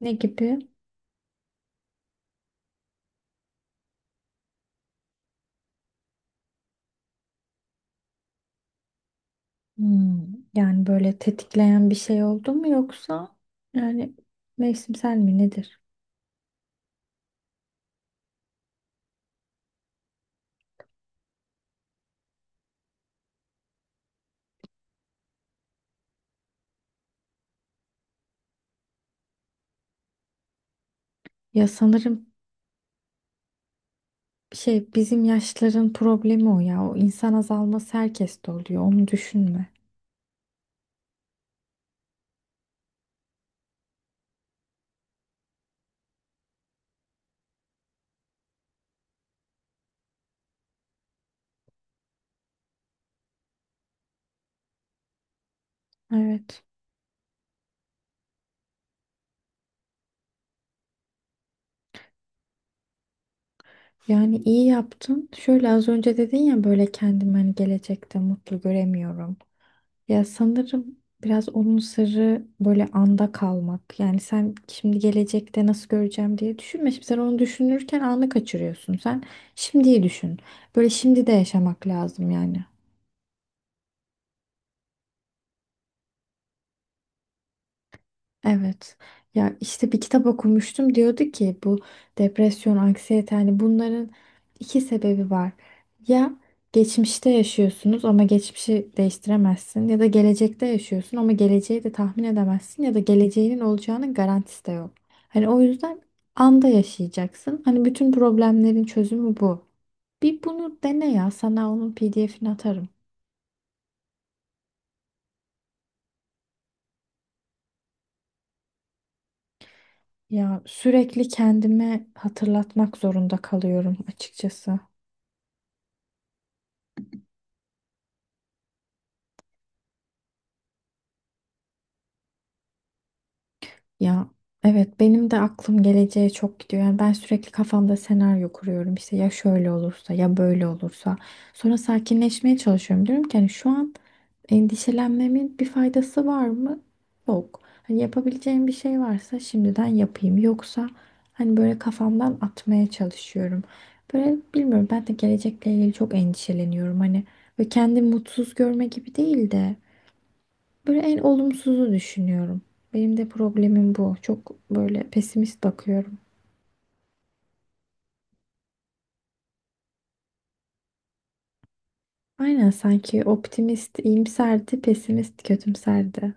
Ne gibi? Hmm, Yani böyle tetikleyen bir şey oldu mu yoksa yani mevsimsel mi nedir? Ya sanırım şey bizim yaşların problemi o ya. O insan azalması herkeste oluyor. Onu düşünme. Evet. Yani iyi yaptın. Şöyle az önce dedin ya böyle kendimi hani gelecekte mutlu göremiyorum. Ya sanırım biraz onun sırrı böyle anda kalmak. Yani sen şimdi gelecekte nasıl göreceğim diye düşünme. Şimdi sen onu düşünürken anı kaçırıyorsun. Sen şimdiyi düşün. Böyle şimdi de yaşamak lazım yani. Evet. Ya işte bir kitap okumuştum diyordu ki bu depresyon, anksiyete hani bunların iki sebebi var. Ya geçmişte yaşıyorsunuz ama geçmişi değiştiremezsin ya da gelecekte yaşıyorsun ama geleceği de tahmin edemezsin ya da geleceğinin olacağının garantisi de yok. Hani o yüzden anda yaşayacaksın. Hani bütün problemlerin çözümü bu. Bir bunu dene ya sana onun PDF'ini atarım. Ya sürekli kendime hatırlatmak zorunda kalıyorum açıkçası. Ya evet benim de aklım geleceğe çok gidiyor. Yani ben sürekli kafamda senaryo kuruyorum. İşte ya şöyle olursa ya böyle olursa. Sonra sakinleşmeye çalışıyorum. Diyorum ki hani şu an endişelenmemin bir faydası var mı? Yok. Hani yapabileceğim bir şey varsa şimdiden yapayım. Yoksa hani böyle kafamdan atmaya çalışıyorum. Böyle bilmiyorum ben de gelecekle ilgili çok endişeleniyorum. Hani ve kendimi mutsuz görme gibi değil de. Böyle en olumsuzu düşünüyorum. Benim de problemim bu. Çok böyle pesimist bakıyorum. Aynen sanki optimist iyimserdi, pesimist kötümserdi.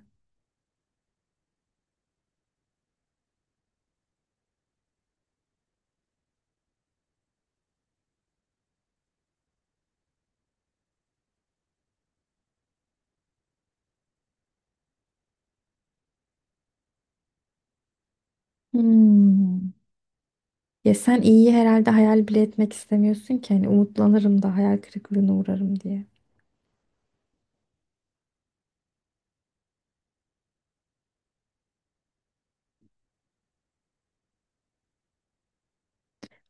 Hmm. Ya sen iyiyi herhalde hayal bile etmek istemiyorsun ki hani umutlanırım da hayal kırıklığına uğrarım diye.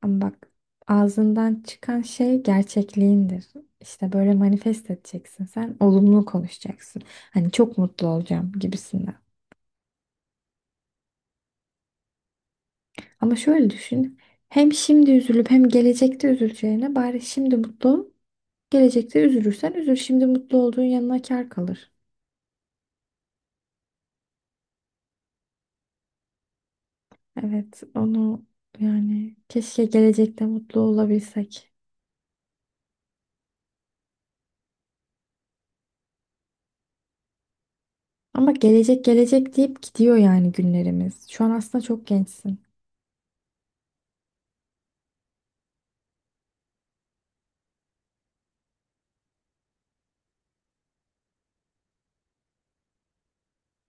Ama bak ağzından çıkan şey gerçekliğindir. İşte böyle manifest edeceksin sen, olumlu konuşacaksın. Hani çok mutlu olacağım gibisinden. Ama şöyle düşün. Hem şimdi üzülüp hem gelecekte üzüleceğine bari şimdi mutlu ol. Gelecekte üzülürsen üzül. Şimdi mutlu olduğun yanına kâr kalır. Evet, onu yani keşke gelecekte mutlu olabilsek. Ama gelecek gelecek deyip gidiyor yani günlerimiz. Şu an aslında çok gençsin.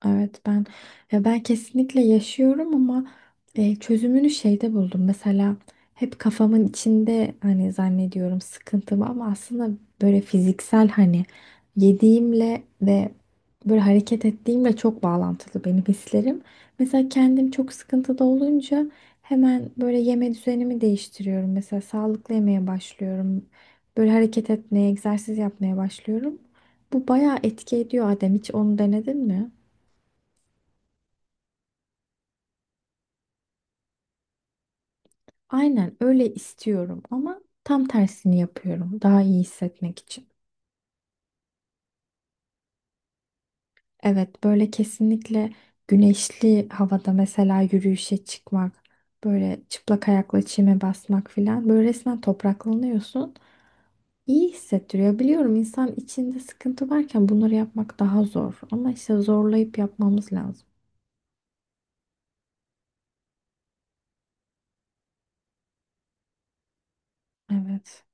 Evet ben ya ben kesinlikle yaşıyorum ama çözümünü şeyde buldum. Mesela hep kafamın içinde hani zannediyorum sıkıntımı ama aslında böyle fiziksel hani yediğimle ve böyle hareket ettiğimle çok bağlantılı benim hislerim. Mesela kendim çok sıkıntıda olunca hemen böyle yeme düzenimi değiştiriyorum. Mesela sağlıklı yemeye başlıyorum. Böyle hareket etmeye, egzersiz yapmaya başlıyorum. Bu bayağı etki ediyor Adem. Hiç onu denedin mi? Aynen öyle istiyorum ama tam tersini yapıyorum daha iyi hissetmek için. Evet böyle kesinlikle güneşli havada mesela yürüyüşe çıkmak, böyle çıplak ayakla çime basmak filan böyle resmen topraklanıyorsun. İyi hissettiriyor. Biliyorum insan içinde sıkıntı varken bunları yapmak daha zor ama işte zorlayıp yapmamız lazım. Evet.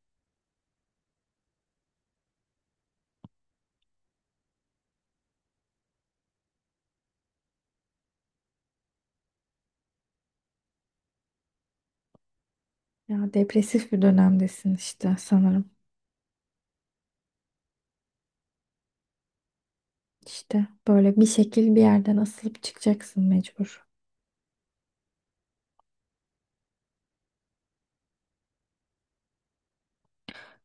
Ya depresif bir dönemdesin işte sanırım. İşte böyle bir şekil bir yerden asılıp çıkacaksın mecbur.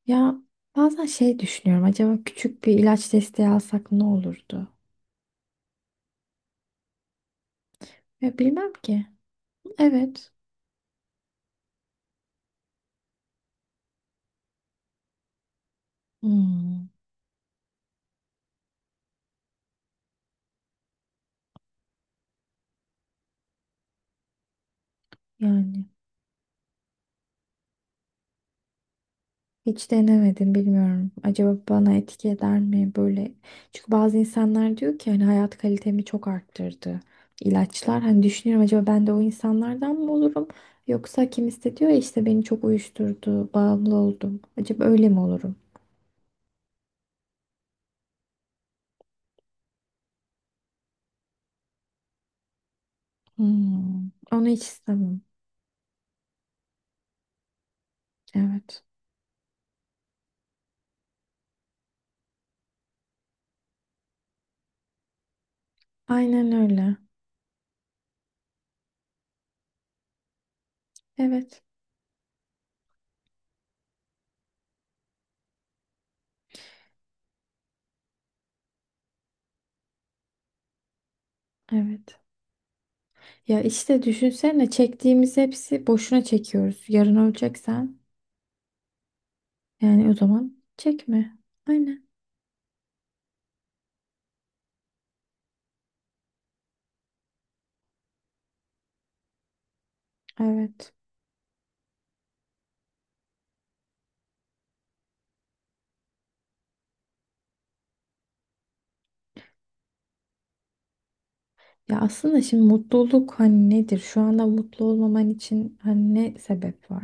Ya bazen şey düşünüyorum. Acaba küçük bir ilaç desteği alsak ne olurdu? Ya bilmem ki. Evet. Hmm, yani hiç denemedim bilmiyorum. Acaba bana etki eder mi böyle? Çünkü bazı insanlar diyor ki hani hayat kalitemi çok arttırdı ilaçlar. Hani düşünüyorum acaba ben de o insanlardan mı olurum? Yoksa kim istediyor işte beni çok uyuşturdu, bağımlı oldum. Acaba öyle mi olurum? Onu hiç istemem. Evet. Aynen öyle. Evet. Evet. Ya işte düşünsene çektiğimiz hepsi boşuna çekiyoruz. Yarın öleceksen yani o zaman çekme. Aynen. Evet. Ya aslında şimdi mutluluk hani nedir? Şu anda mutlu olmaman için hani ne sebep var?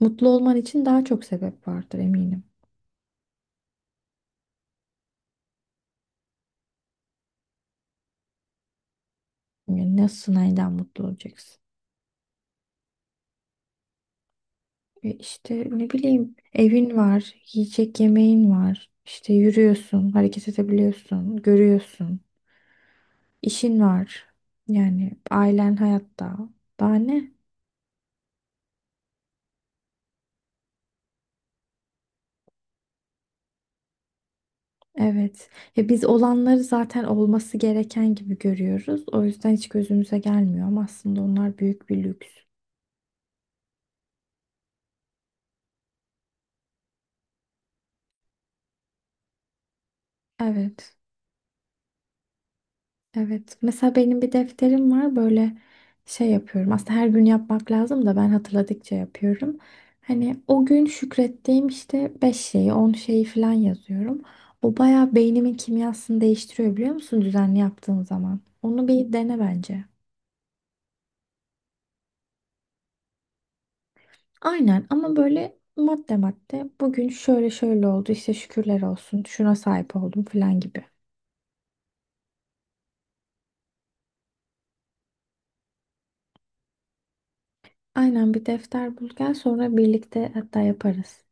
Mutlu olman için daha çok sebep vardır eminim. Yani nasıl neyden mutlu olacaksın? E işte ne bileyim evin var, yiyecek yemeğin var. İşte yürüyorsun, hareket edebiliyorsun, görüyorsun. İşin var. Yani ailen hayatta. Daha ne? Evet. Ya biz olanları zaten olması gereken gibi görüyoruz. O yüzden hiç gözümüze gelmiyor ama aslında onlar büyük bir lüks. Evet. Evet. Mesela benim bir defterim var. Böyle şey yapıyorum. Aslında her gün yapmak lazım da ben hatırladıkça yapıyorum. Hani o gün şükrettiğim işte 5 şeyi, 10 şeyi falan yazıyorum. O bayağı beynimin kimyasını değiştiriyor biliyor musun düzenli yaptığın zaman? Onu bir dene bence. Aynen ama böyle madde madde bugün şöyle şöyle oldu işte şükürler olsun şuna sahip oldum falan gibi. Aynen bir defter bul gel sonra birlikte hatta yaparız.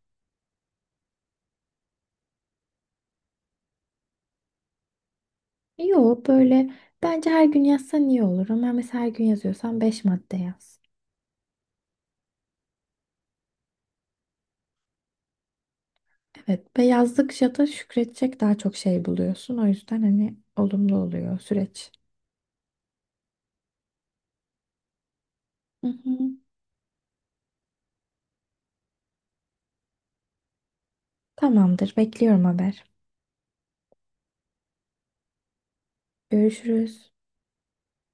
Yo böyle bence her gün yazsan iyi olur ama mesela her gün yazıyorsan 5 madde yaz. Evet ve yazdıkça da şükredecek daha çok şey buluyorsun o yüzden hani olumlu oluyor süreç. Hı hı. Tamamdır bekliyorum haber. Görüşürüz.